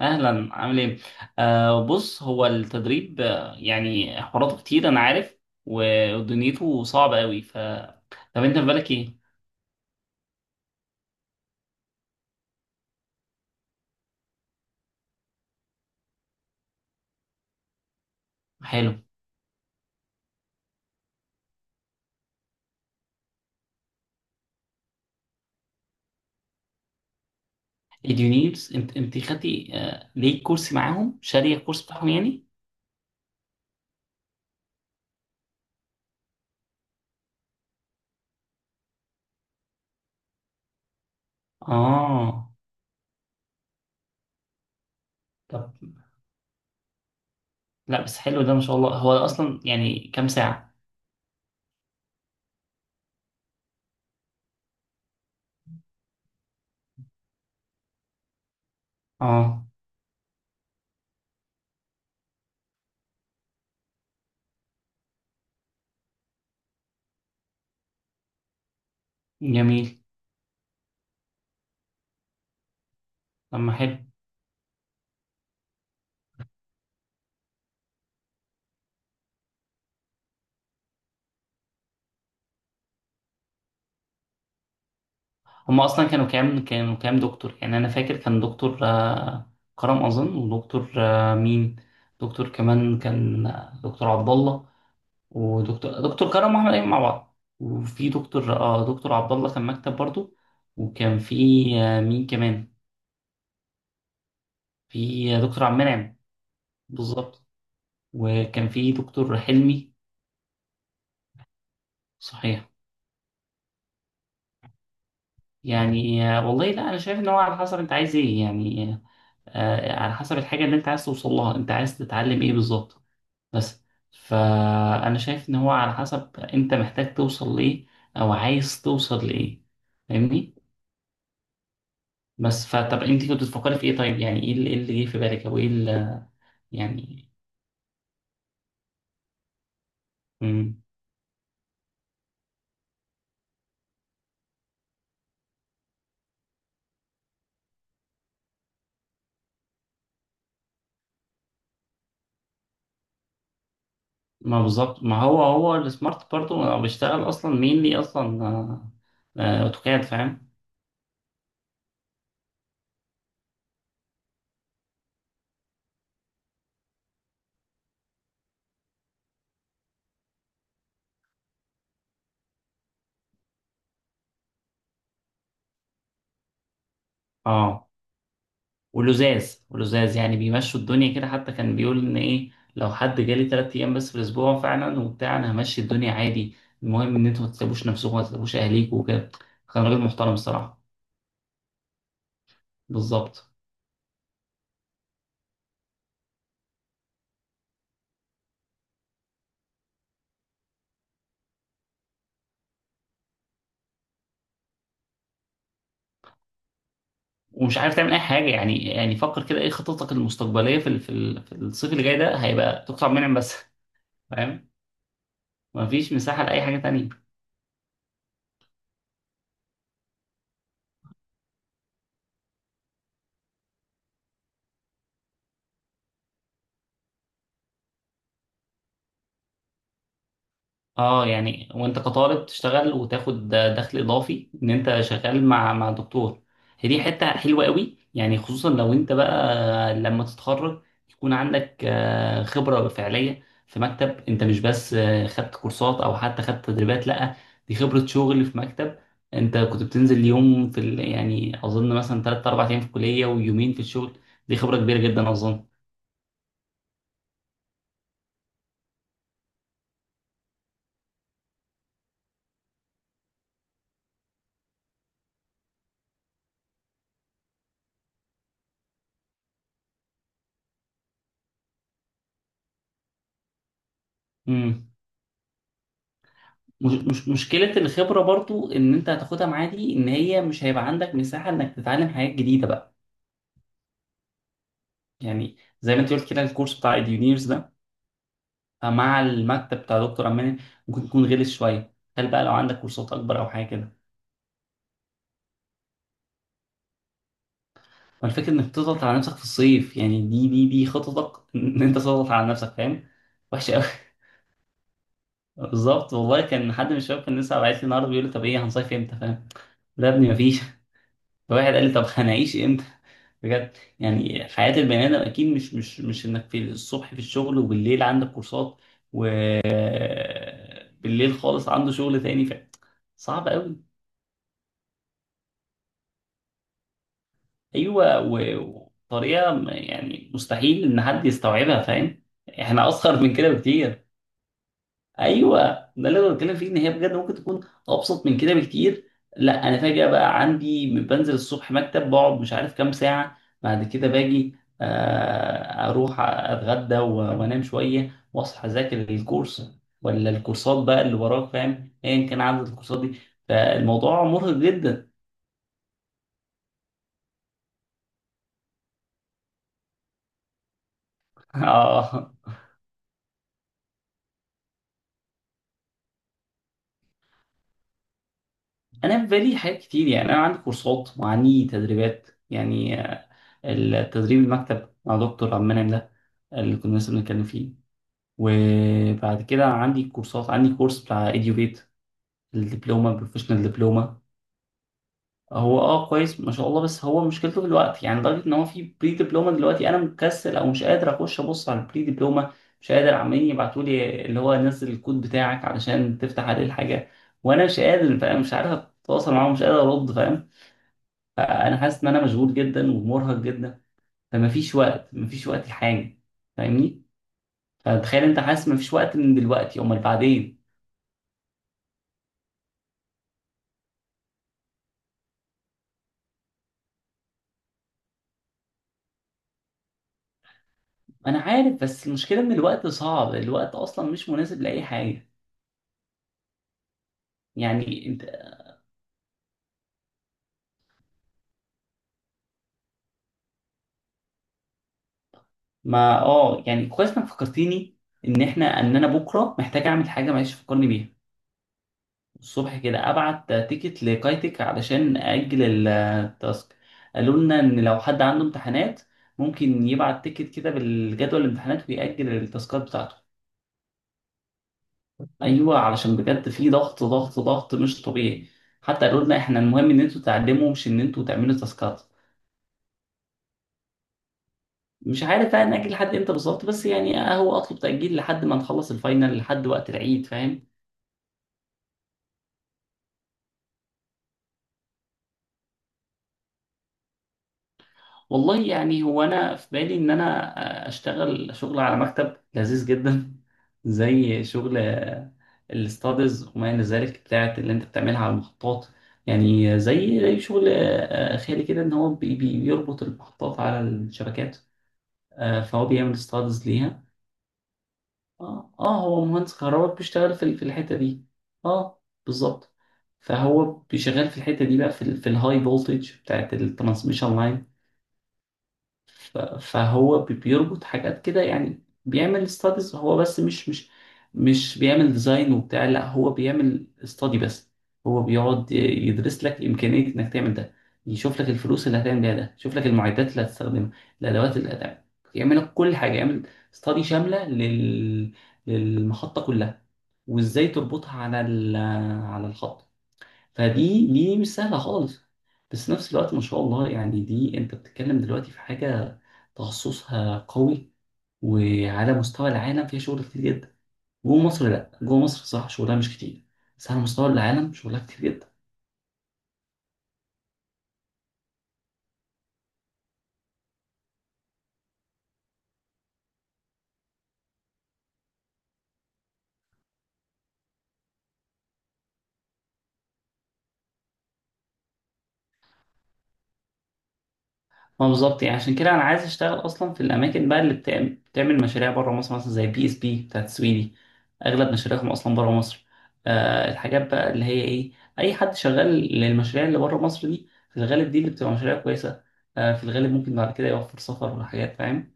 اهلا، عامل ايه؟ آه، بص، هو التدريب، آه، يعني حواراته كتير انا عارف، و- ودنيته صعبه قوي. ف طب انت في بالك ايه؟ حلو. اليونيرز؟ انت خدتي ليه كورس معاهم؟ شاريه الكورس بتاعهم يعني؟ اه. طب لا، بس حلو ده ما شاء الله. هو اصلا يعني كام ساعه؟ اه جميل. طب ما حلو. هم اصلا كانوا كانوا كام دكتور؟ يعني انا فاكر كان دكتور كرم اظن، ودكتور مين، دكتور كمان كان دكتور عبد الله، ودكتور كرم واحمد ايمن مع بعض، وفي دكتور اه دكتور عبد الله كان مكتب برضو. وكان في مين كمان، في دكتور عبد المنعم. بالظبط. وكان في دكتور حلمي. صحيح. يعني والله لا انا شايف ان هو على حسب انت عايز ايه يعني، على حسب الحاجه اللي انت عايز توصل لها، انت عايز تتعلم ايه بالظبط، بس. فأنا شايف إن هو على حسب أنت محتاج توصل لإيه أو عايز توصل لإيه، فاهمني؟ بس فطب أنت كنت بتفكري في إيه؟ طيب يعني إيه اللي جه في بالك، أو إيه اللي يعني. مم. ما بالظبط، ما هو السمارت برضه بيشتغل أصلا مين ليه أصلا أوتوكاد، فاهم؟ آه. ولزاز يعني بيمشوا الدنيا كده، حتى كان بيقول ان ايه، لو حد جالي تلات ايام بس في الاسبوع فعلا وبتاع انا همشي الدنيا عادي. المهم ان انتوا ما تسيبوش نفسكم، ما تسيبوش اهليكم وكده. كان راجل محترم الصراحه. بالظبط. ومش عارف تعمل اي حاجه، يعني يعني فكر كده، ايه خططك المستقبليه في في الصيف اللي جاي ده؟ هيبقى تقطع منعم بس. فاهم. مفيش مساحه لاي حاجه تانية. اه يعني وانت كطالب تشتغل وتاخد دخل اضافي، ان انت شغال مع دكتور. هي دي حته حلوه قوي يعني، خصوصا لو انت بقى لما تتخرج يكون عندك خبره فعليه في مكتب. انت مش بس خدت كورسات او حتى خدت تدريبات، لا، دي خبره شغل في مكتب. انت كنت بتنزل يوم في يعني اظن مثلا 3 4 ايام في الكليه ويومين في الشغل. دي خبره كبيره جدا اظن. امم. مش مش مشكلة الخبرة برضو إن أنت هتاخدها معاه دي، إن هي مش هيبقى عندك مساحة إنك تتعلم حاجات جديدة بقى. يعني زي ما أنت قلت كده، الكورس بتاع إديونيرز ده مع المكتب بتاع دكتور أمان ممكن يكون غلس شوية، هل بقى لو عندك كورسات أكبر أو حاجة كده. فالفكرة إنك تضغط على نفسك في الصيف، يعني دي خططك إن أنت تضغط على نفسك، فاهم. وحشة أوي. بالظبط، والله كان حد من الشباب كان لسه باعت لي النهارده بيقول لي طب إيه، هنصيف إمتى، فاهم؟ لا يا ابني، مفيش. فواحد قال لي طب هنعيش امتى؟ بجد، يعني حياة البني آدم أكيد مش إنك في الصبح في الشغل، وبالليل عندك كورسات، وبالليل خالص عنده شغل تاني. ف صعب أوي. أيوه. و- وطريقة يعني مستحيل إن حد يستوعبها، فاهم. إحنا أصغر من كده بكتير. ايوه. ده اللي انا بتكلم فيه، ان هي بجد ممكن تكون ابسط من كده بكتير. لا انا فجاه بقى عندي، بنزل الصبح مكتب، بقعد مش عارف كام ساعه، بعد كده باجي اروح اتغدى و- وانام شويه واصحى اذاكر الكورس، ولا الكورسات بقى اللي وراك فاهم، ايا كان عدد الكورسات دي. فالموضوع مرهق جدا. اه. انا في بالي حاجات كتير، يعني انا عندي كورسات وعندي تدريبات، يعني التدريب المكتب مع دكتور عبد المنعم ده اللي كنا لسه بنتكلم فيه، وبعد كده عندي كورسات، عندي كورس بتاع اديوبيت، الدبلومه البروفيشنال دبلومه. هو اه كويس ما شاء الله، بس هو مشكلته في الوقت، يعني لدرجه ان هو في بري دبلومه دلوقتي انا مكسل او مش قادر اخش ابص على البري دبلومه. مش قادر، عمالين يبعتوا لي اللي هو نزل الكود بتاعك علشان تفتح عليه الحاجه وانا مش قادر، فاهم؟ مش عارف اتواصل معاهم، مش قادر ارد، فاهم. فانا حاسس ان انا مشغول جدا ومرهق جدا، فمفيش وقت، مفيش وقت لحاجه، فاهمني؟ فتخيل انت، حاسس مفيش وقت من دلوقتي، امال بعدين. انا عارف، بس المشكله ان الوقت صعب، الوقت اصلا مش مناسب لاي حاجه. يعني انت. ما اه يعني كويس انك فكرتيني ان احنا ان انا بكره محتاج اعمل حاجه، معلش فكرني بيها. الصبح كده ابعت تيكت لكايتك علشان اجل التاسك. قالوا لنا ان لو حد عنده امتحانات ممكن يبعت تيكت كده بالجدول الامتحانات ويأجل التاسكات بتاعته. ايوه، علشان بجد في ضغط مش طبيعي. حتى قالوا لنا احنا، المهم ان انتوا تعلموا، مش ان انتوا تعملوا تاسكات. مش عارف بقى نأجل لحد امتى بالظبط، بس يعني هو اطلب تأجيل لحد ما نخلص الفاينل، لحد وقت العيد، فاهم. والله يعني هو انا في بالي ان انا اشتغل شغل على مكتب لذيذ جدا زي شغل الاستادز وما الى ذلك بتاعت اللي انت بتعملها على المحطات. يعني زي شغل خيالي كده، ان هو بيربط المحطات على الشبكات، فهو بيعمل استادز ليها. اه هو مهندس كهرباء بيشتغل في في الحته دي. اه. بالظبط. فهو بيشتغل في الحته دي بقى، في، في الهاي فولتج بتاعت الترانسميشن لاين. ف- فهو بيربط حاجات كده، يعني بيعمل ستاديز هو بس، مش بيعمل ديزاين وبتاع، لا هو بيعمل استادي بس. هو بيقعد يدرس لك إمكانية إنك تعمل ده، يشوف لك الفلوس اللي هتعمل بيها ده، يشوف لك المعدات اللي هتستخدمها، الأدوات اللي هتعمل، يعمل لك كل حاجة، يعمل استادي شاملة للمحطة كلها، وإزاي تربطها على على الخط. فدي مش سهلة خالص. بس في نفس الوقت ما شاء الله يعني، دي انت بتتكلم دلوقتي في حاجة تخصصها قوي، وعلى مستوى العالم فيها شغل كتير جدا. جوه مصر لا، جوه مصر صح شغلها مش كتير، بس على مستوى العالم شغلها كتير جدا. ما بالظبط، يعني عشان كده انا عايز اشتغل اصلا في الاماكن بقى اللي بتعمل مشاريع بره مصر، مثلا زي بي اس بي بتاعت السويدي، اغلب مشاريعهم اصلا بره مصر. آه، الحاجات بقى اللي هي ايه، اي حد شغال للمشاريع اللي بره مصر دي، في الغالب دي اللي بتبقى مشاريع كويسه، آه في الغالب ممكن بعد كده يوفر سفر وحاجات، فاهم.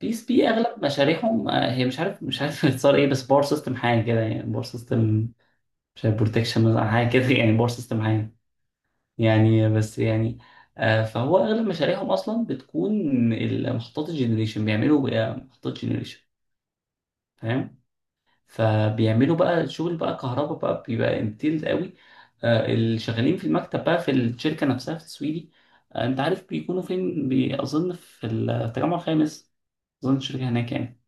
بي اس بي اغلب مشاريعهم آه هي مش عارف، اتصار ايه، بس باور سيستم حاجه كده يعني، باور سيستم مش عارف بروتكشن مثلا حاجه كده يعني، باور سيستم حاجه يعني بس يعني. فهو اغلب مشاريعهم اصلا بتكون المحطات الجنريشن، بيعملوا بقى محطات جنريشن، فاهم. فبيعملوا بقى شغل بقى كهرباء بقى، بيبقى انتيلد قوي. اللي شغالين في المكتب بقى في الشركه نفسها في السويدي، انت عارف بيكونوا فين، اظن في التجمع الخامس، اظن الشركه هناك يعني.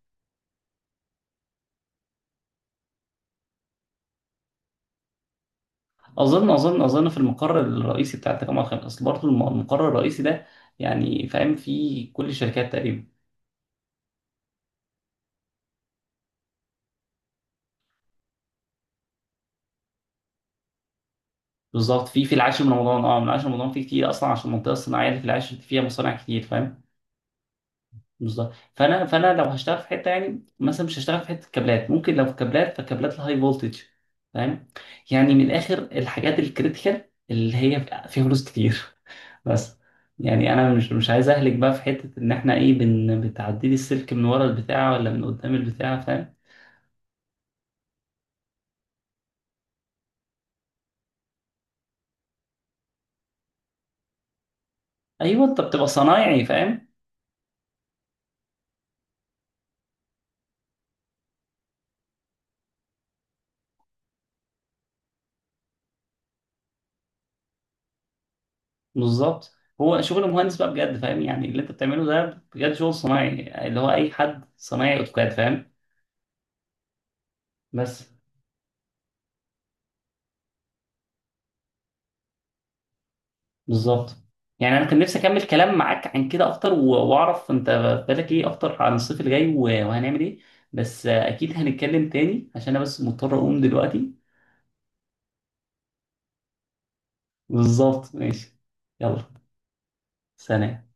اظن في المقر الرئيسي بتاع التجمع الخامس، اصل برضه المقر الرئيسي ده يعني فاهم فيه كل الشركات تقريبا. بالظبط. في العاشر من رمضان، اه من العاشر من رمضان في كتير اصلا، عشان المنطقه الصناعيه اللي في العاشر فيها مصانع كتير، فاهم. بالظبط. فانا لو هشتغل في حته، يعني مثلا مش هشتغل في حته كابلات، ممكن لو في كابلات فكابلات الهاي فولتج، فاهم. يعني من الاخر الحاجات الكريتيكال اللي هي فيها فلوس كتير، بس يعني انا مش مش عايز اهلك بقى في حته ان احنا ايه، بن بتعدي لي السلك من ورا البتاع ولا من قدام البتاع، فاهم. ايوه انت بتبقى صنايعي، فاهم. بالظبط. هو شغل مهندس بقى بجد فاهم، يعني اللي انت بتعمله ده بجد شغل صناعي، اللي هو اي حد صنايعي اوتوكاد، فاهم. بس. بالظبط. يعني انا كان نفسي اكمل كلام معاك عن كده اكتر، و- واعرف انت بالك ايه اكتر عن الصيف الجاي و- وهنعمل ايه، بس اكيد هنتكلم تاني، عشان انا بس مضطر اقوم دلوقتي. بالظبط، ماشي. يلا، سلام.